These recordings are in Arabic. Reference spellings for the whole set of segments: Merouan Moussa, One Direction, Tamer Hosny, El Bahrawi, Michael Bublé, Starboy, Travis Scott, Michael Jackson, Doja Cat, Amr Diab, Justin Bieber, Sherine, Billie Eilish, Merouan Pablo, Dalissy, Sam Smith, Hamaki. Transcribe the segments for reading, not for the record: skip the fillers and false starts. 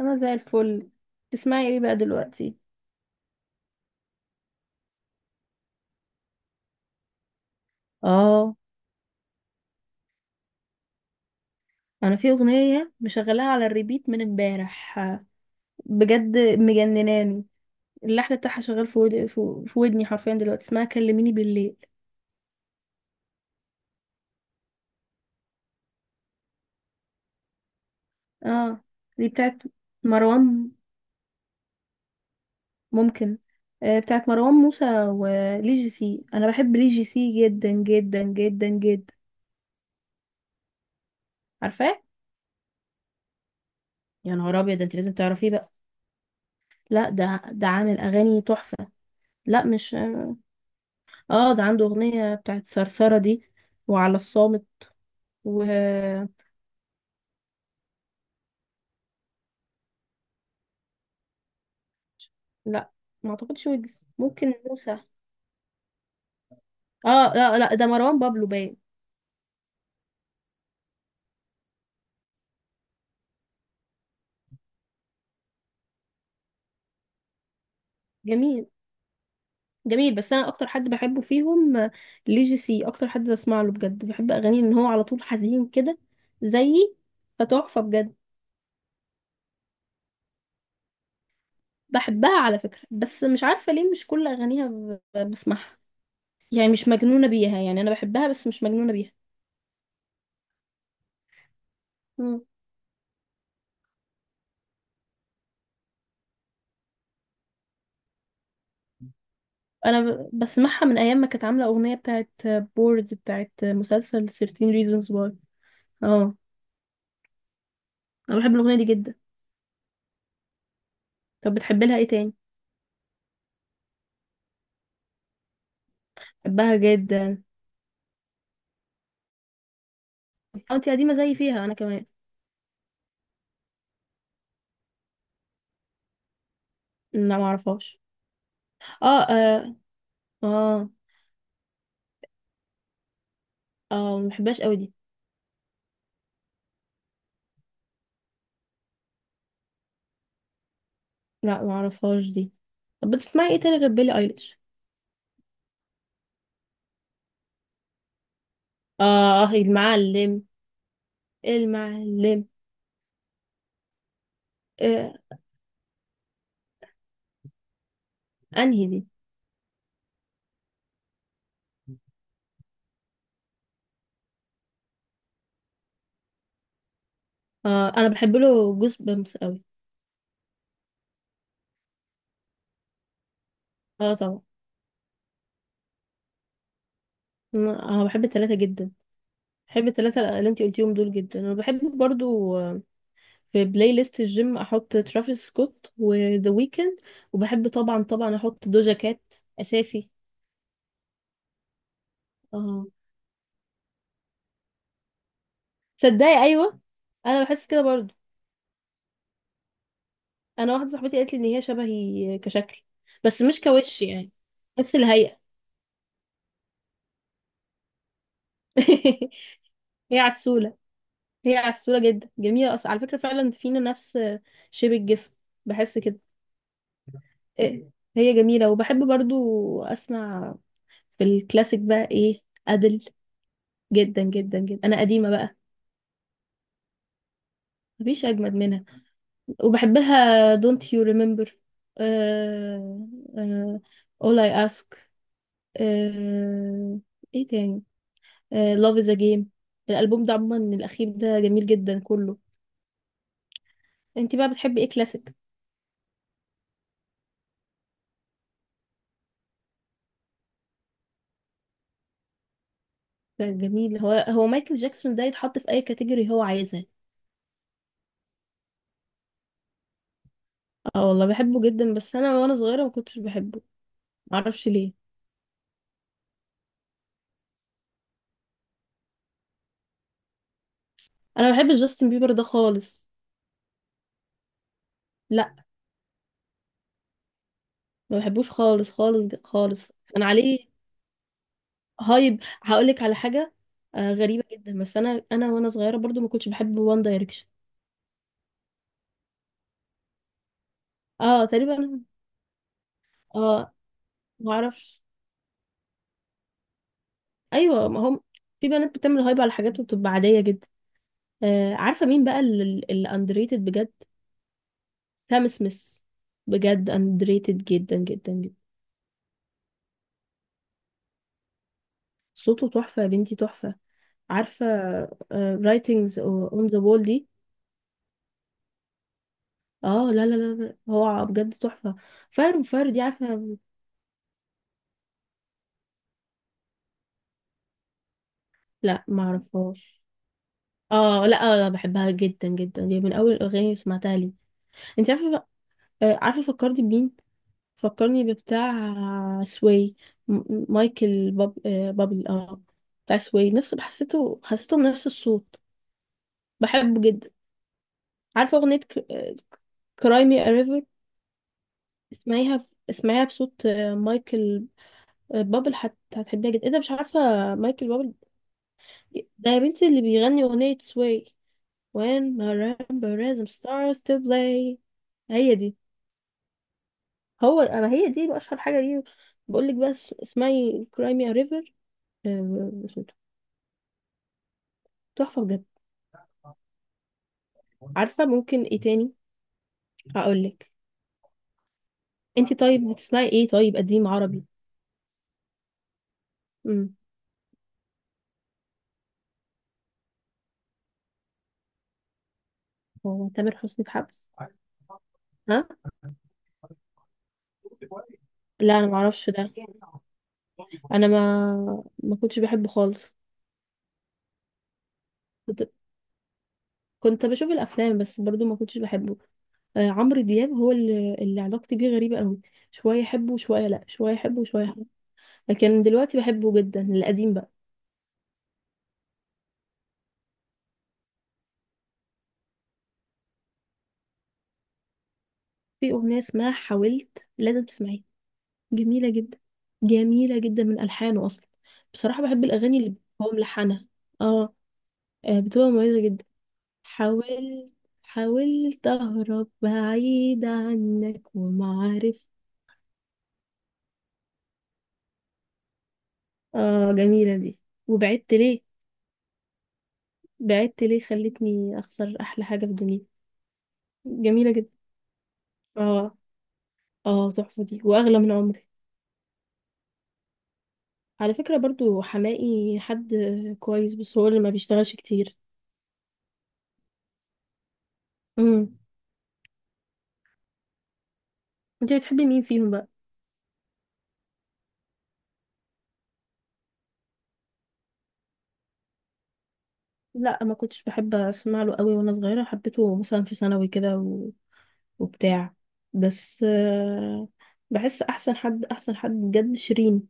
انا زي الفل. تسمعي ايه بقى دلوقتي؟ اه، انا في اغنيه مشغلاها على الريبيت من امبارح، بجد مجنناني. اللحن بتاعها شغال في في ودني حرفيا دلوقتي، اسمها كلميني بالليل. اه، دي بتاعت مروان، ممكن. آه، بتاعت مروان موسى ولي جي سي، انا بحب لي جي سي جدا جدا جدا جدا. عارفاه؟ يا نهار ابيض، ده انت لازم تعرفيه بقى. لا، ده عامل اغاني تحفه. لا مش، اه ده عنده اغنية بتاعت صرصرة دي، وعلى الصامت، و… لا ما اعتقدش ويجز، ممكن موسى. اه لا لا، ده مروان بابلو باين. جميل، جميل. بس انا اكتر حد بحبه فيهم، ليجي سي اكتر حد بسمع له بجد، بحب اغانيه ان هو على طول حزين كده، زيي. فتحفة بجد. بحبها على فكرة، بس مش عارفة ليه مش كل اغانيها بسمعها. يعني مش مجنونة بيها، يعني انا بحبها بس مش مجنونة بيها. انا بسمعها من ايام ما كانت عامله اغنيه بتاعت بورد، بتاعت مسلسل 13 reasons why. اه، انا بحب الاغنيه دي جدا. طب بتحب لها ايه تاني؟ بحبها جدا. اه، انتي قديمه زي فيها انا كمان. لا، ما اعرفهاش. اه، اه. اه اه، ما بحبهاش قوي دي. لا، ما اعرفهاش دي. طب بتسمعي ايه تاني غير بيلي ايليش؟ اه آه، المعلم. المعلم. آه. انهي دي؟ اه، انا بحب له جوز بامس قوي. اه طبعا. انا بحب التلاتة جدا، بحب الثلاثة اللي انتي قلتيهم دول جدا. انا بحب برضو، في بلاي ليست الجيم احط ترافيس سكوت وذا ويكند، وبحب طبعا طبعا احط دوجا كات اساسي. اه. صدقي ايوه، انا بحس كده برضو. انا واحدة صاحبتي قالت لي ان هي شبهي كشكل، بس مش كوش يعني، نفس الهيئة. هي عسولة، هي عسولة جدا، جميلة أصلا على فكرة. فعلا فينا نفس شبه الجسم، بحس كده. إيه، هي جميلة. وبحب برضو أسمع في الكلاسيك بقى ايه، أدل، جدا جدا جدا، انا قديمة بقى. مفيش اجمد منها. وبحبها Don't You Remember، آه، آه، All I Ask، آه. ايه تاني؟ آه، Love is a Game. الالبوم ده عموما الاخير ده جميل جدا كله. انت بقى بتحبي ايه كلاسيك؟ جميل، هو هو مايكل جاكسون ده يتحط في اي كاتيجوري هو عايزها. اه والله بحبه جدا، بس انا وانا صغيره ما كنتش بحبه، معرفش ليه. انا ما بحبش جاستن بيبر ده خالص. لا، ما بحبوش خالص خالص خالص، كان عليه هايب. هقولك على حاجة، آه غريبة جدا، بس انا وانا صغيرة برضو ما كنتش بحب وان دايركشن. اه، تقريبا. اه، ما اعرفش. ايوه، ما هم في بنات بتعمل هايب على حاجات وبتبقى عادية جدا. آه، عارفة مين بقى اللي اندريتد بجد؟ سام سميث، بجد اندريتد جدا جدا جدا. صوته تحفة يا بنتي، تحفة. عارفة رايتنجز اون ذا وول دي؟ اه لا لا لا لا، هو بجد تحفة. فاير وفاير دي عارفة؟ لا معرفهاش. اه لا، بحبها جدا جدا، دي من اول الاغاني اللي سمعتها لي. انت عارفه، عارفه فكرني بمين؟ فكرني بتاع سوي، مايكل بابل. اه، بتاع سوي، نفس حسيته، حسيته نفس الصوت. بحبه جدا. عارفه اغنيه كراي مي ريفر؟ اسمعيها، اسمعيها بصوت مايكل بابل، هتحبيها جدا. ايه ده مش عارفه؟ مايكل بابل، ده يا بنتي اللي بيغني اغنيه سوي، When Marimba stars to play. هي دي، هو اما هي دي اشهر حاجه ليه. بقول لك بس اسمعي كرايمي ريفر، تحفه بجد. عارفه ممكن ايه تاني؟ هقول لك. انت طيب بتسمعي ايه طيب قديم عربي؟ امم. هو تامر حسني في حبس؟ ها؟ لا، انا ما اعرفش ده، انا ما كنتش بحبه خالص. كنت كنت بشوف الافلام، بس برضو ما كنتش بحبه. آه، عمرو دياب هو اللي علاقتي بيه غريبه قوي، شويه احبه وشويه لا، شويه احبه وشويه، لكن دلوقتي بحبه جدا، القديم بقى. في أغنية اسمها حاولت لازم تسمعيها، جميلة جدا، جميلة جدا من ألحانه أصلا. بصراحة بحب الأغاني اللي هو ملحنها، اه، بتبقى مميزة جدا. حاولت، حاولت أهرب بعيد عنك وما عرفت. اه، جميلة دي. وبعدت ليه، بعدت ليه خلتني أخسر أحلى حاجة في الدنيا. جميلة جدا. اه اه، تحفة دي، وأغلى من عمري. على فكرة برضو حماقي حد كويس، بس هو اللي ما بيشتغلش كتير. امم. انت بتحبي مين فيهم بقى؟ لا، ما كنتش بحب اسمع له قوي وانا صغيرة، حبيته مثلا في ثانوي كده وبتاع، بس بحس احسن حد، احسن حد بجد شيرين.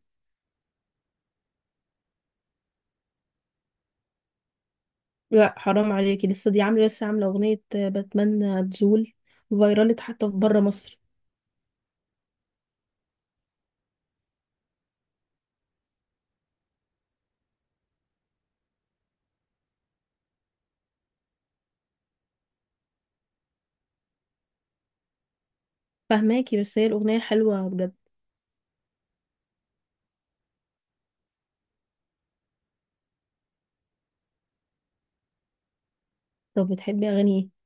لا حرام عليكي، لسه دي عامله، لسه عامله اغنيه بتمنى تزول، فايرالت حتى في بره مصر. فهماكي، بس هي الاغنيه حلوه بجد. طب بتحبي اغاني ايه؟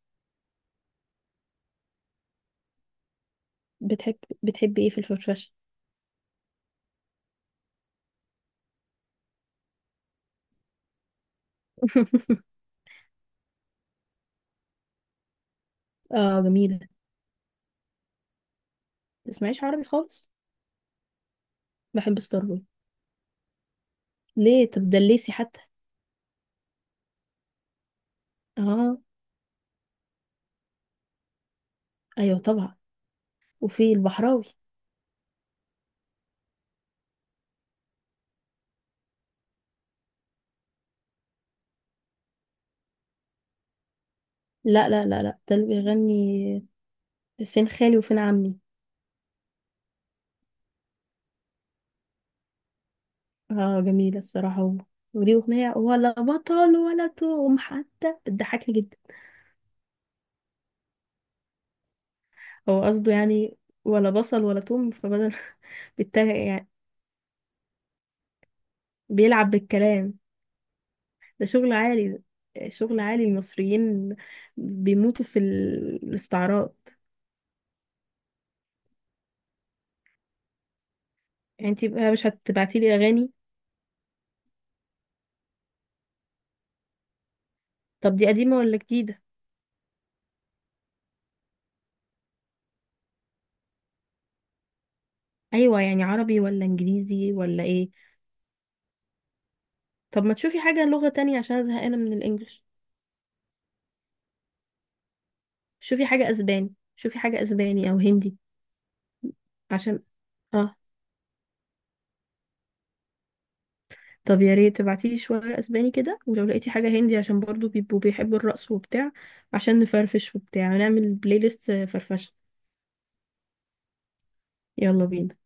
بتحب، بتحبي ايه في الفرفشه؟ اه جميله. تسمعيش عربي خالص. بحب ستار بوي. ليه طب دليسي حتى. اه. ايوه طبعا. وفي البحراوي. لا لا لا لا، ده اللي بيغني فين خالي وفين عمي. اه جميلة الصراحة هو. وليه أغنية ولا بطل ولا توم حتى بتضحكني جدا. هو قصده يعني ولا بصل ولا توم فبدل، بيتريق يعني، بيلعب بالكلام. ده شغل عالي ده، شغل عالي المصريين، بيموتوا في الاستعراض. يعني انتي بقى مش هتبعتيلي أغاني؟ طب دي قديمة ولا جديدة؟ ايوه، يعني عربي ولا انجليزي ولا ايه؟ طب ما تشوفي حاجة لغة تانية، عشان أنا زهقانة من الانجليش. شوفي حاجة اسباني، شوفي حاجة اسباني او هندي عشان، اه، طب يا ريت تبعتيلي شوية اسباني كده، ولو لقيتي حاجة هندي عشان برضو بيبقوا بيحبوا الرقص وبتاع، عشان نفرفش وبتاع ونعمل بلاي ليست فرفشة. يلا بينا.